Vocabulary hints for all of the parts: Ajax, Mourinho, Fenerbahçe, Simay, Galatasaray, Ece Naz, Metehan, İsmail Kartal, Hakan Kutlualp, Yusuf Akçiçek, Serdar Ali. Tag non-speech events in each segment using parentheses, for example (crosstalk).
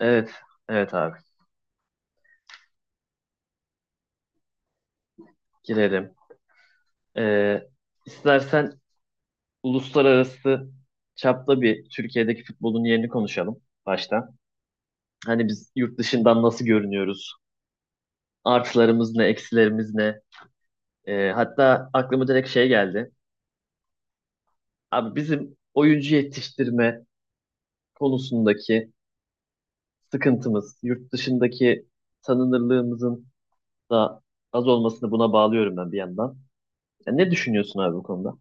Evet, evet abi. Girelim. Ee, istersen uluslararası çapta bir Türkiye'deki futbolun yerini konuşalım başta. Hani biz yurt dışından nasıl görünüyoruz? Artılarımız ne, eksilerimiz ne? Hatta aklıma direkt şey geldi. Abi bizim oyuncu yetiştirme konusundaki sıkıntımız, yurt dışındaki tanınırlığımızın da az olmasını buna bağlıyorum ben bir yandan. Ya ne düşünüyorsun abi bu konuda?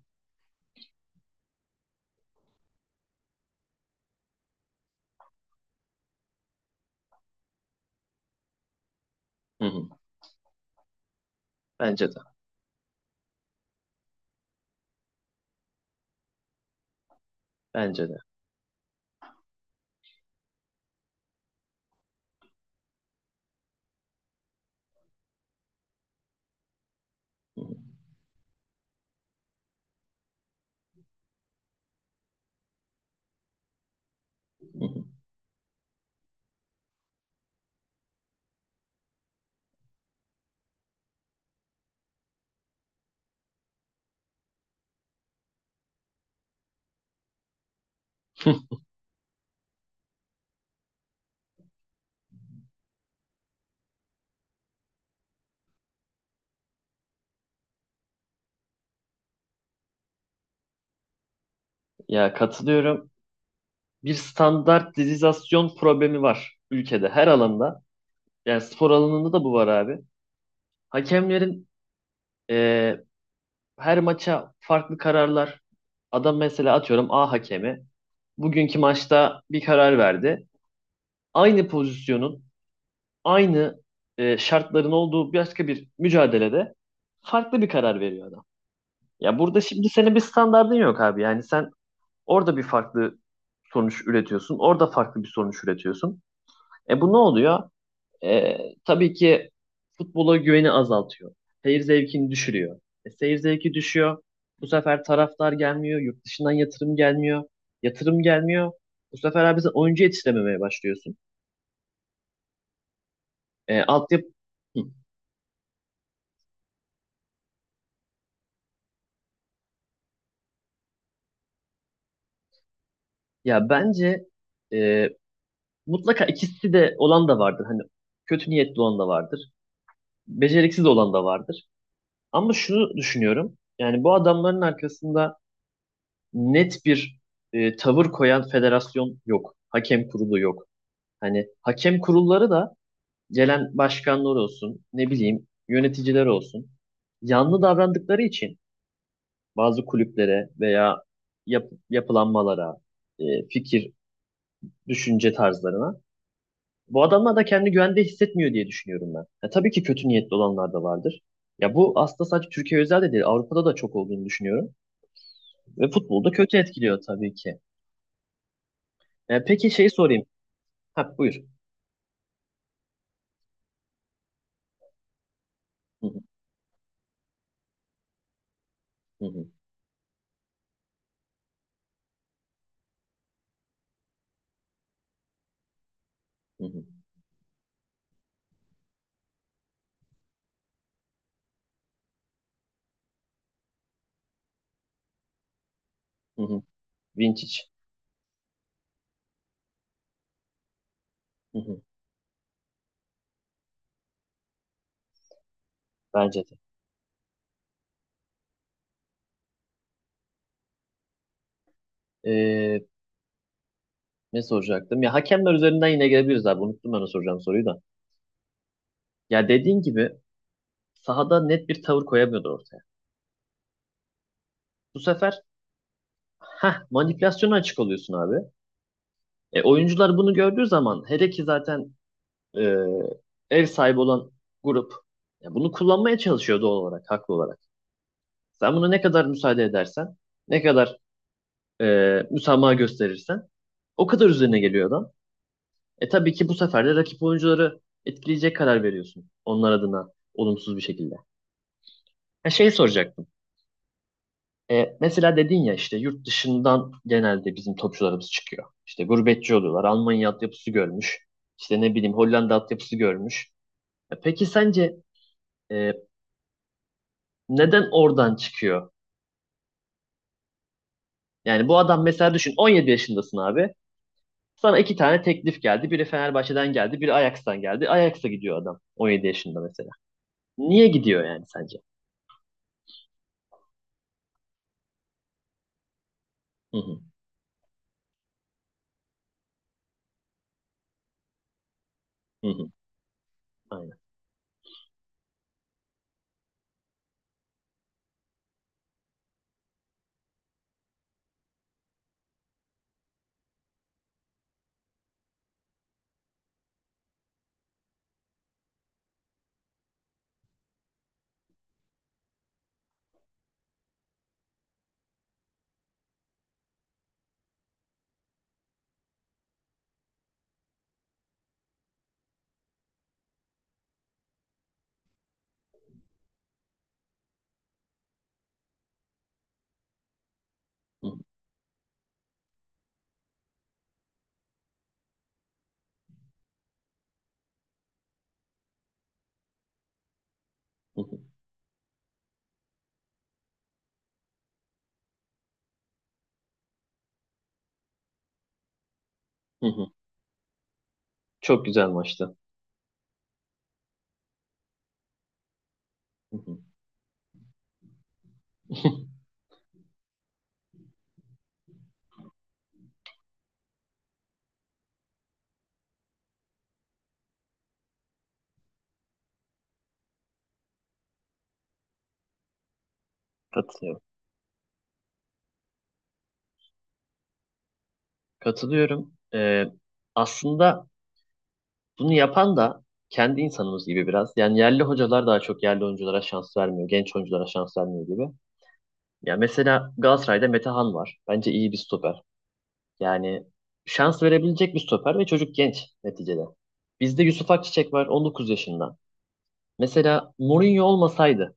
Hı hı. Bence de, bence de. Hı hı. Hı hı. Ya katılıyorum. Bir standartizasyon problemi var ülkede her alanda. Yani spor alanında da bu var abi. Hakemlerin e, her maça farklı kararlar. Adam mesela atıyorum A hakemi bugünkü maçta bir karar verdi. Aynı pozisyonun, aynı şartların olduğu başka bir mücadelede farklı bir karar veriyor adam. Ya burada şimdi senin bir standardın yok abi. Yani sen orada bir farklı sonuç üretiyorsun, orada farklı bir sonuç üretiyorsun. E, bu ne oluyor? E, tabii ki futbola güveni azaltıyor. Seyir zevkini düşürüyor. E, seyir zevki düşüyor. Bu sefer taraftar gelmiyor. Yurt dışından yatırım gelmiyor. Yatırım gelmiyor. Bu sefer abi sen oyuncu yetiştirememeye başlıyorsun. E, altyapı... Hı. Ya bence e, mutlaka ikisi de olan da vardır. Hani kötü niyetli olan da vardır. Beceriksiz olan da vardır. Ama şunu düşünüyorum. Yani bu adamların arkasında net bir tavır koyan federasyon yok. Hakem kurulu yok. Hani hakem kurulları da gelen başkanlar olsun, ne bileyim yöneticiler olsun. Yanlı davrandıkları için bazı kulüplere veya yapılanmalara, fikir, düşünce tarzlarına bu adamlar da kendi güvende hissetmiyor diye düşünüyorum ben. Ya, tabii ki kötü niyetli olanlar da vardır. Ya bu aslında sadece Türkiye özel de değil, Avrupa'da da çok olduğunu düşünüyorum. Ve futbolda kötü etkiliyor tabii ki. E, peki şeyi sorayım. Ha, buyur. Hı hı, hı hı, hı hı, hı hı. Vintage. Hı hı. Bence de. Ee, ne soracaktım? Ya hakemler üzerinden yine gelebiliriz abi. Unuttum ben o soracağım soruyu da. Ya dediğin gibi sahada net bir tavır koyamıyordu ortaya. Bu sefer manipülasyona açık oluyorsun abi. E, oyuncular bunu gördüğü zaman hele ki zaten e, ev sahibi olan grup ya bunu kullanmaya çalışıyor doğal olarak, haklı olarak. Sen buna ne kadar müsaade edersen, ne kadar e, müsamaha gösterirsen o kadar üzerine geliyor adam. E tabii ki bu sefer de rakip oyuncuları etkileyecek karar veriyorsun. Onlar adına olumsuz bir şekilde. Ha şey soracaktım. E, mesela dedin ya işte yurt dışından genelde bizim topçularımız çıkıyor. İşte gurbetçi oluyorlar. Almanya altyapısı görmüş. İşte ne bileyim Hollanda altyapısı görmüş. E, peki sence e, neden oradan çıkıyor? Yani bu adam mesela düşün 17 yaşındasın abi. Sana iki tane teklif geldi. Biri Fenerbahçe'den geldi, biri Ajax'tan geldi. Ajax'a gidiyor adam 17 yaşında mesela. Niye gidiyor yani sence? Hı hı. Hı hı. Hı hı hı hı. Çok güzel maçtı. Hı hı. (laughs) Katılıyorum. Katılıyorum. Aslında bunu yapan da kendi insanımız gibi biraz. Yani yerli hocalar daha çok yerli oyunculara şans vermiyor. Genç oyunculara şans vermiyor gibi. Ya mesela Galatasaray'da Metehan var. Bence iyi bir stoper. Yani şans verebilecek bir stoper ve çocuk genç neticede. Bizde Yusuf Akçiçek var 19 yaşında. Mesela Mourinho olmasaydı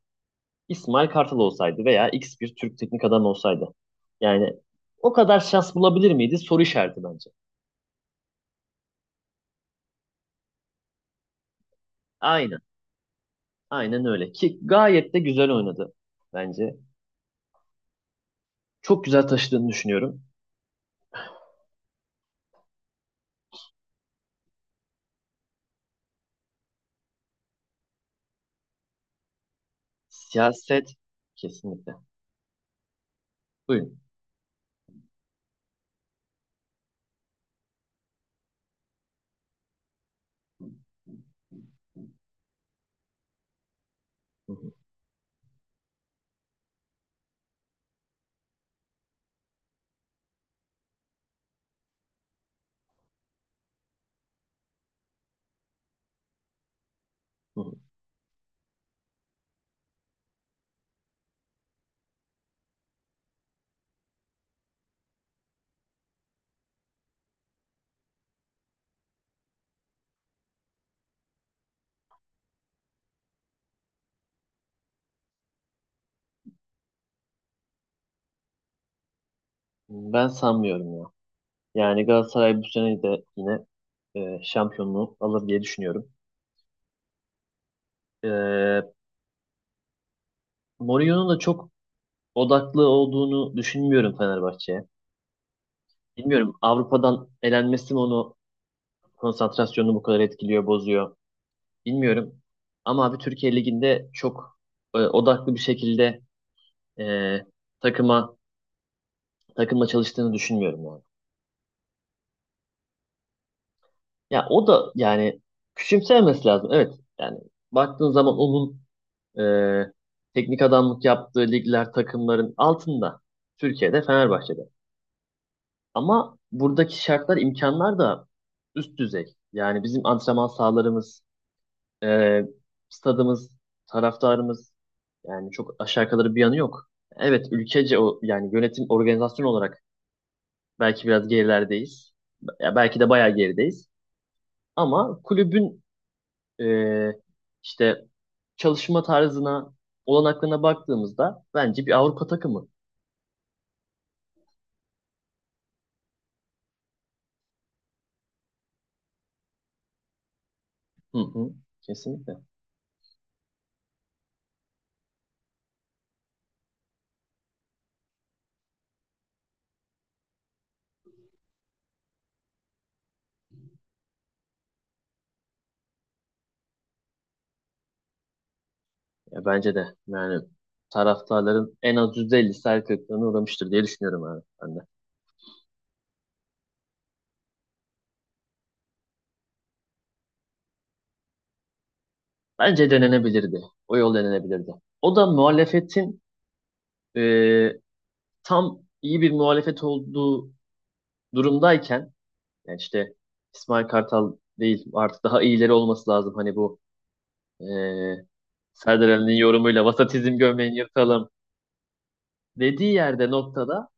İsmail Kartal olsaydı veya X bir Türk teknik adam olsaydı. Yani o kadar şans bulabilir miydi? Soru işareti bence. Aynen. Aynen öyle. Ki gayet de güzel oynadı bence. Çok güzel taşıdığını düşünüyorum. Siyaset kesinlikle. Buyurun. Hı hı, hı hı. Ben sanmıyorum ya. Yani Galatasaray bu sene de yine şampiyonluğu alır diye düşünüyorum. E, Mourinho'nun da çok odaklı olduğunu düşünmüyorum Fenerbahçe'ye. Bilmiyorum Avrupa'dan elenmesi mi onu konsantrasyonunu bu kadar etkiliyor, bozuyor. Bilmiyorum. Ama abi Türkiye Ligi'nde çok odaklı bir şekilde e, takıma takımla çalıştığını düşünmüyorum yani. Ya o da yani küçümsemesi lazım. Evet. Yani baktığın zaman onun e, teknik adamlık yaptığı ligler takımların altında. Türkiye'de Fenerbahçe'de. Ama buradaki şartlar, imkanlar da üst düzey. Yani bizim antrenman sahalarımız, e, stadımız, taraftarımız. Yani çok aşağı yukarı bir yanı yok. Evet ülkece o yani yönetim organizasyon olarak belki biraz gerilerdeyiz. Ya belki de bayağı gerideyiz. Ama kulübün e, işte çalışma tarzına, olanaklarına baktığımızda bence bir Avrupa takımı. Hı hı, kesinlikle. Ya bence de yani taraftarların en az %50'si hayal kırıklığına uğramıştır diye düşünüyorum abi ben de. Bence denenebilirdi. O yol denenebilirdi. O da muhalefetin e, tam iyi bir muhalefet olduğu durumdayken yani işte İsmail Kartal değil artık daha iyileri olması lazım. Hani bu e, Serdar Ali'nin yorumuyla vasatizm gömleğini yırtalım dediği yerde noktada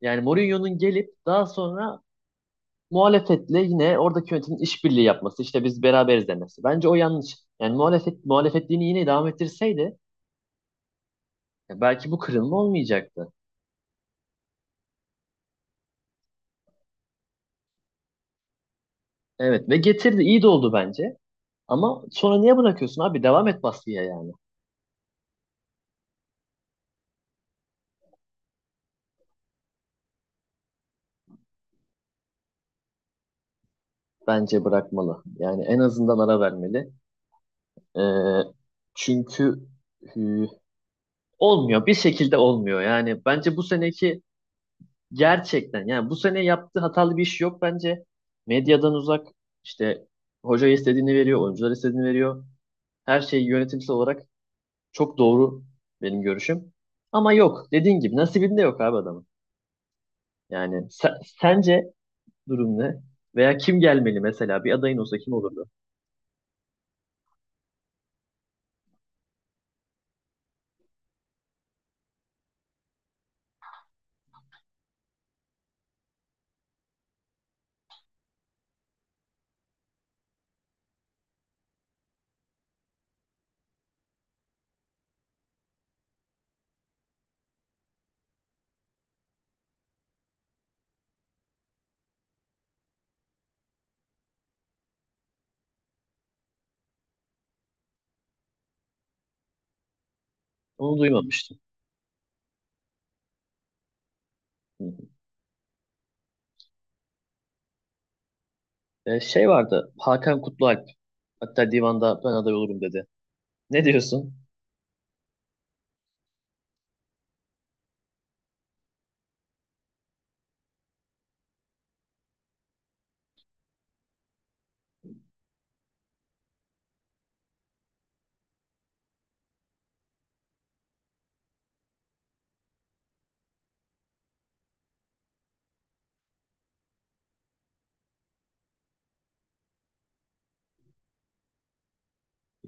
yani Mourinho'nun gelip daha sonra muhalefetle yine oradaki yönetimin işbirliği yapması işte biz beraberiz demesi. Bence o yanlış. Yani muhalefet muhalefetliğini yine devam ettirseydi ya belki bu kırılma olmayacaktı. Evet ve getirdi iyi de oldu bence. Ama sonra niye bırakıyorsun abi? Devam et baskıya yani. Bence bırakmalı. Yani en azından ara vermeli. Ee, çünkü hü, olmuyor. Bir şekilde olmuyor. Yani bence bu seneki gerçekten yani bu sene yaptığı hatalı bir iş yok bence. Medyadan uzak işte hoca istediğini veriyor, oyuncular istediğini veriyor. Her şey yönetimsel olarak çok doğru benim görüşüm. Ama yok. Dediğin gibi nasibinde yok abi adamın. Yani sence durum ne? Veya kim gelmeli mesela? Bir adayın olsa kim olurdu? Onu duymamıştım. Hı. Şey vardı. Hakan Kutlualp. Hatta divanda ben aday olurum dedi. Ne diyorsun?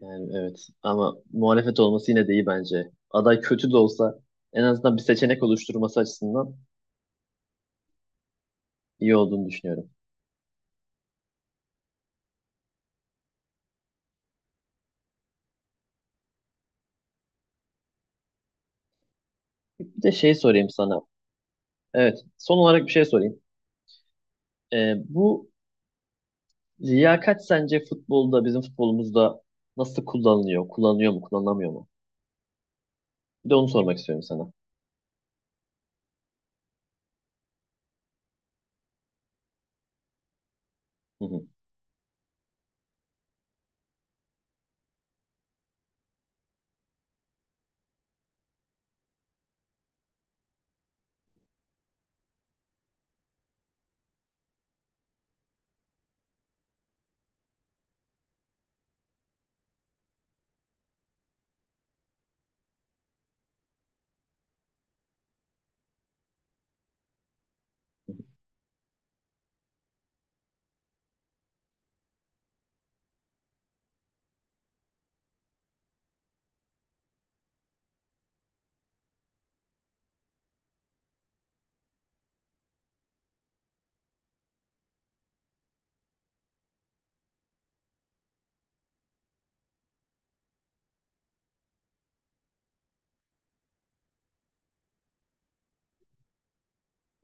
Yani evet. Ama muhalefet olması yine de iyi bence. Aday kötü de olsa en azından bir seçenek oluşturması açısından iyi olduğunu düşünüyorum. Bir de şey sorayım sana. Evet. Son olarak bir şey sorayım. Bu liyakat sence futbolda, bizim futbolumuzda nasıl kullanılıyor? Kullanılıyor mu, kullanılamıyor mu? Bir de onu sormak istiyorum sana. Hı hı.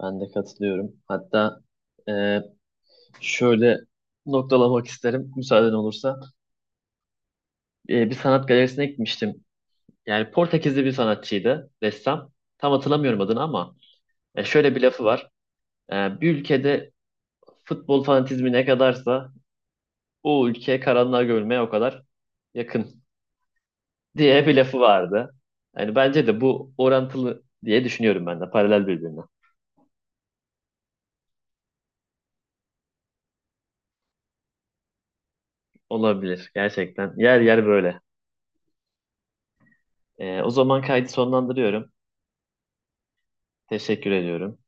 Ben de katılıyorum. Hatta e, şöyle noktalamak isterim müsaaden olursa. Bir sanat galerisine gitmiştim. Yani Portekizli bir sanatçıydı, ressam. Tam hatırlamıyorum adını ama şöyle bir lafı var. E, bir ülkede futbol fanatizmi ne kadarsa o ülke karanlığa görülmeye o kadar yakın (laughs) diye bir lafı vardı. Yani bence de bu orantılı diye düşünüyorum ben de paralel birbirine. Olabilir gerçekten. Yer yer böyle. E, o zaman kaydı sonlandırıyorum. Teşekkür ediyorum.